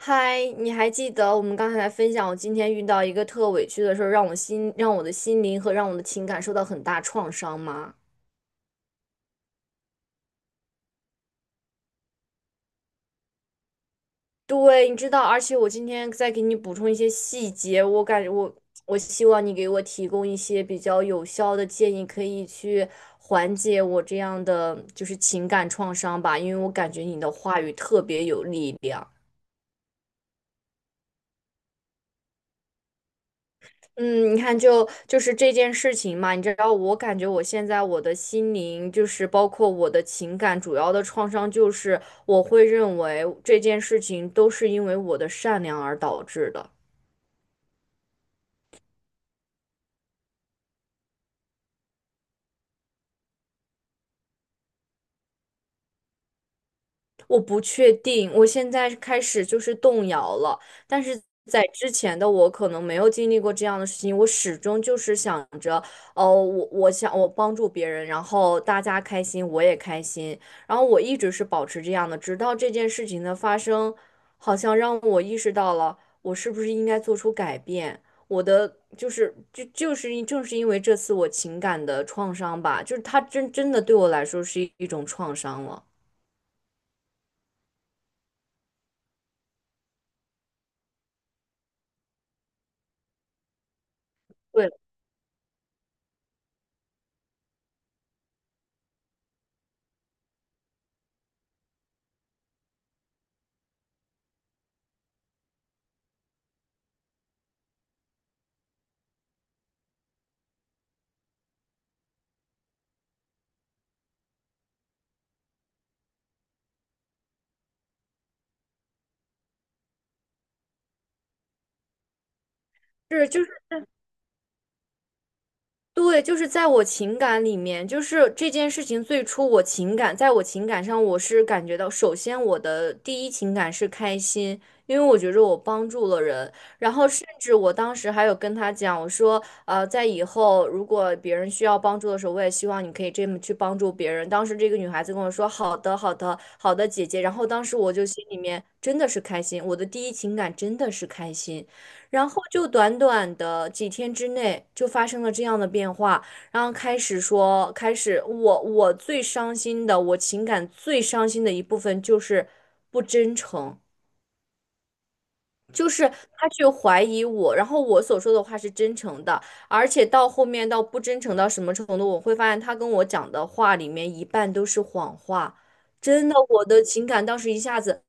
嗨，你还记得我们刚才在分享我今天遇到一个特委屈的事儿，让我的心灵和让我的情感受到很大创伤吗？对，你知道，而且我今天再给你补充一些细节，我希望你给我提供一些比较有效的建议，可以去缓解我这样的就是情感创伤吧，因为我感觉你的话语特别有力量。嗯，你看就，就是这件事情嘛，你知道，我感觉我现在我的心灵，就是包括我的情感，主要的创伤就是我会认为这件事情都是因为我的善良而导致的。我不确定，我现在开始就是动摇了。但是在之前的我可能没有经历过这样的事情，我始终就是想着，哦，我想我帮助别人，然后大家开心，我也开心。然后我一直是保持这样的，直到这件事情的发生，好像让我意识到了，我是不是应该做出改变。我的就是就就是因正是因为这次我情感的创伤吧，就是它真的对我来说是一种创伤了。对，是，就是对，就是在我情感里面，就是这件事情最初我情感，在我情感上，我是感觉到，首先我的第一情感是开心，因为我觉着我帮助了人，然后甚至我当时还有跟他讲，我说，在以后如果别人需要帮助的时候，我也希望你可以这么去帮助别人。当时这个女孩子跟我说，好的，好的，好的，姐姐。然后当时我就心里面真的是开心，我的第一情感真的是开心。然后就短短的几天之内就发生了这样的变化，开始我最伤心的，我情感最伤心的一部分就是不真诚，就是他去怀疑我，然后我所说的话是真诚的，而且到后面到不真诚到什么程度，我会发现他跟我讲的话里面一半都是谎话。真的，我的情感当时一下子。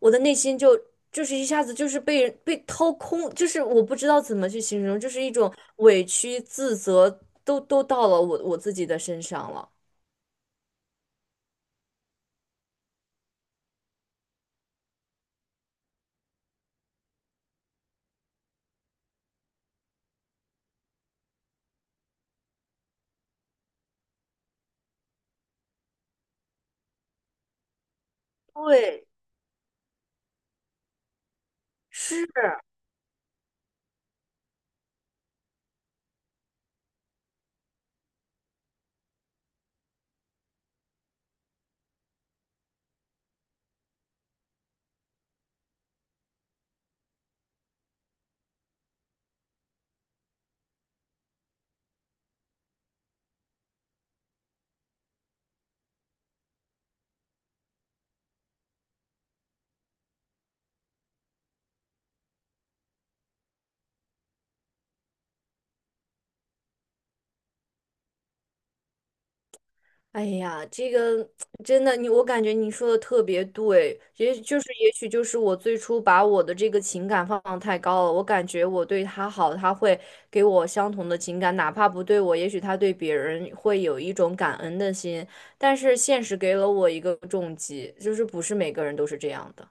我的内心就一下子就是被掏空，就是我不知道怎么去形容，就是一种委屈、自责，都到了我自己的身上了。对，是。哎呀，这个真的，你我感觉你说的特别对，也就是也许就是我最初把我的这个情感放得太高了，我感觉我对他好，他会给我相同的情感，哪怕不对我，也许他对别人会有一种感恩的心，但是现实给了我一个重击，就是不是每个人都是这样的。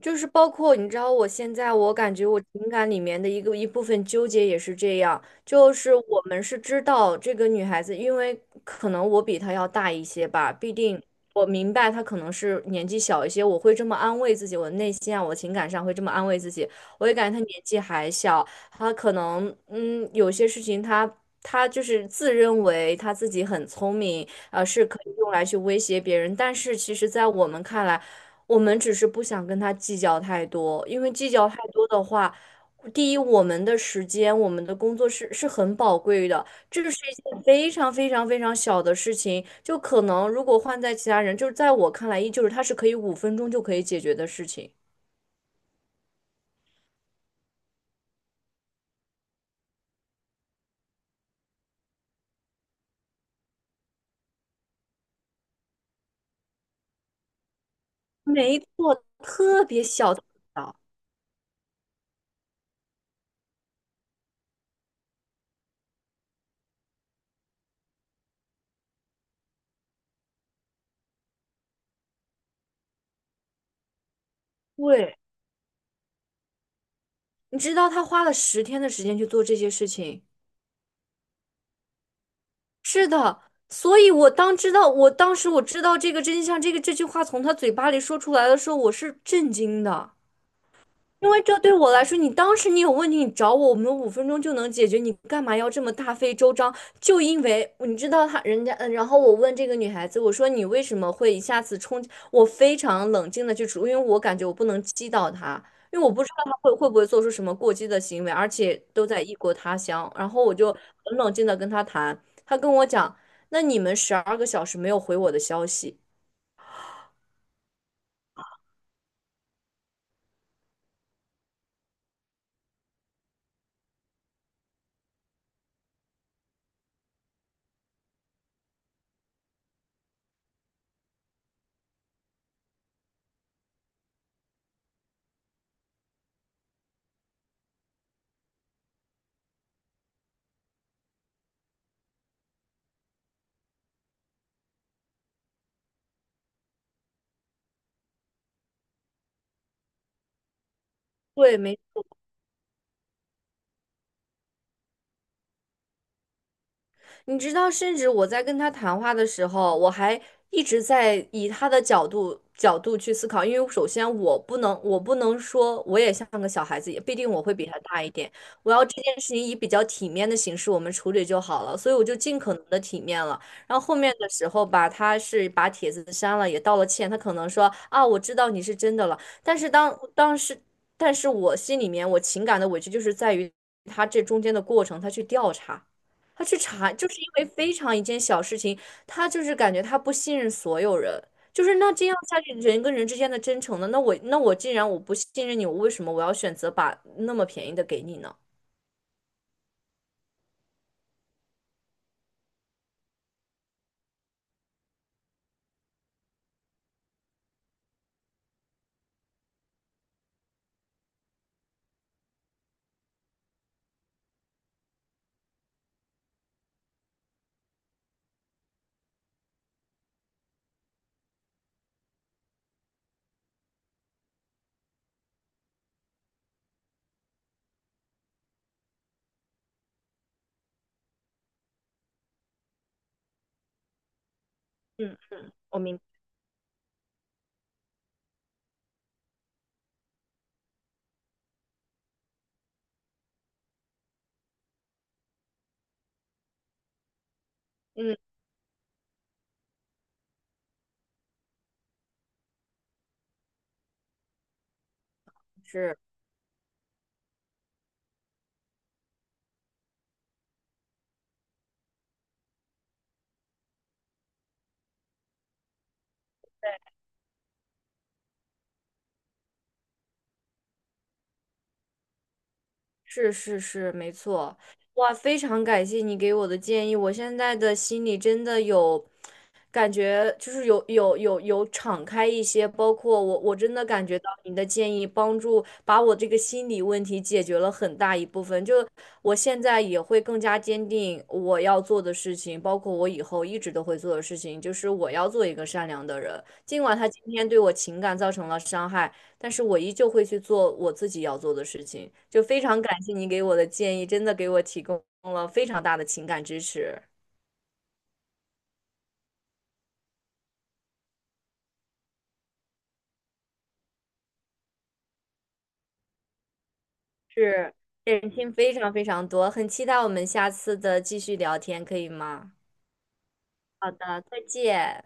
就是包括你知道，我现在我感觉我情感里面的一部分纠结也是这样，就是我们是知道这个女孩子，因为可能我比她要大一些吧，必定我明白她可能是年纪小一些，我会这么安慰自己，我内心啊，我情感上会这么安慰自己，我也感觉她年纪还小，她可能有些事情她。她就是自认为她自己很聪明，是可以用来去威胁别人，但是其实，在我们看来，我们只是不想跟他计较太多，因为计较太多的话，第一，我们的时间、我们的工作是很宝贵的，这是一件非常非常非常小的事情，就可能如果换在其他人，就是在我看来，依旧是他是可以五分钟就可以解决的事情。没错，特别小，特别小。对，你知道他花了10天的时间去做这些事情。是的，所以我当时我知道这个真相，这句话从他嘴巴里说出来的时候，我是震惊的。因为这对我来说，你当时你有问题，你找我，我们五分钟就能解决，你干嘛要这么大费周章？就因为你知道他人家，嗯，然后我问这个女孩子，我说你为什么会一下子冲？我非常冷静的去处，因为我感觉我不能激到她，因为我不知道她会不会做出什么过激的行为，而且都在异国他乡，然后我就很冷静的跟她谈，她跟我讲，那你们12个小时没有回我的消息。对，没。你知道，甚至我在跟他谈话的时候，我还一直在以他的角度去思考，因为首先我不能，我不能说我也像个小孩子，也必定我会比他大一点。我要这件事情以比较体面的形式我们处理就好了，所以我就尽可能的体面了。然后后面的时候吧，他是把帖子删了，也道了歉，他可能说啊，我知道你是真的了，但是当时，但是我心里面我情感的委屈就是在于他这中间的过程，他去调查。他去查，就是因为非常一件小事情，他就是感觉他不信任所有人，那这样下去，人跟人之间的真诚呢？那我既然我不信任你，我为什么要选择把那么便宜的给你呢？嗯，我明。嗯。是。是是是，没错。哇，非常感谢你给我的建议，我现在的心里真的有感觉，就是有敞开一些，包括我真的感觉到你的建议帮助把我这个心理问题解决了很大一部分，就我现在也会更加坚定我要做的事情，包括我以后一直都会做的事情，就是我要做一个善良的人，尽管他今天对我情感造成了伤害。但是我依旧会去做我自己要做的事情。就非常感谢你给我的建议，真的给我提供了非常大的情感支持，是减轻非常非常多。很期待我们下次的继续聊天，可以吗？好的，再见。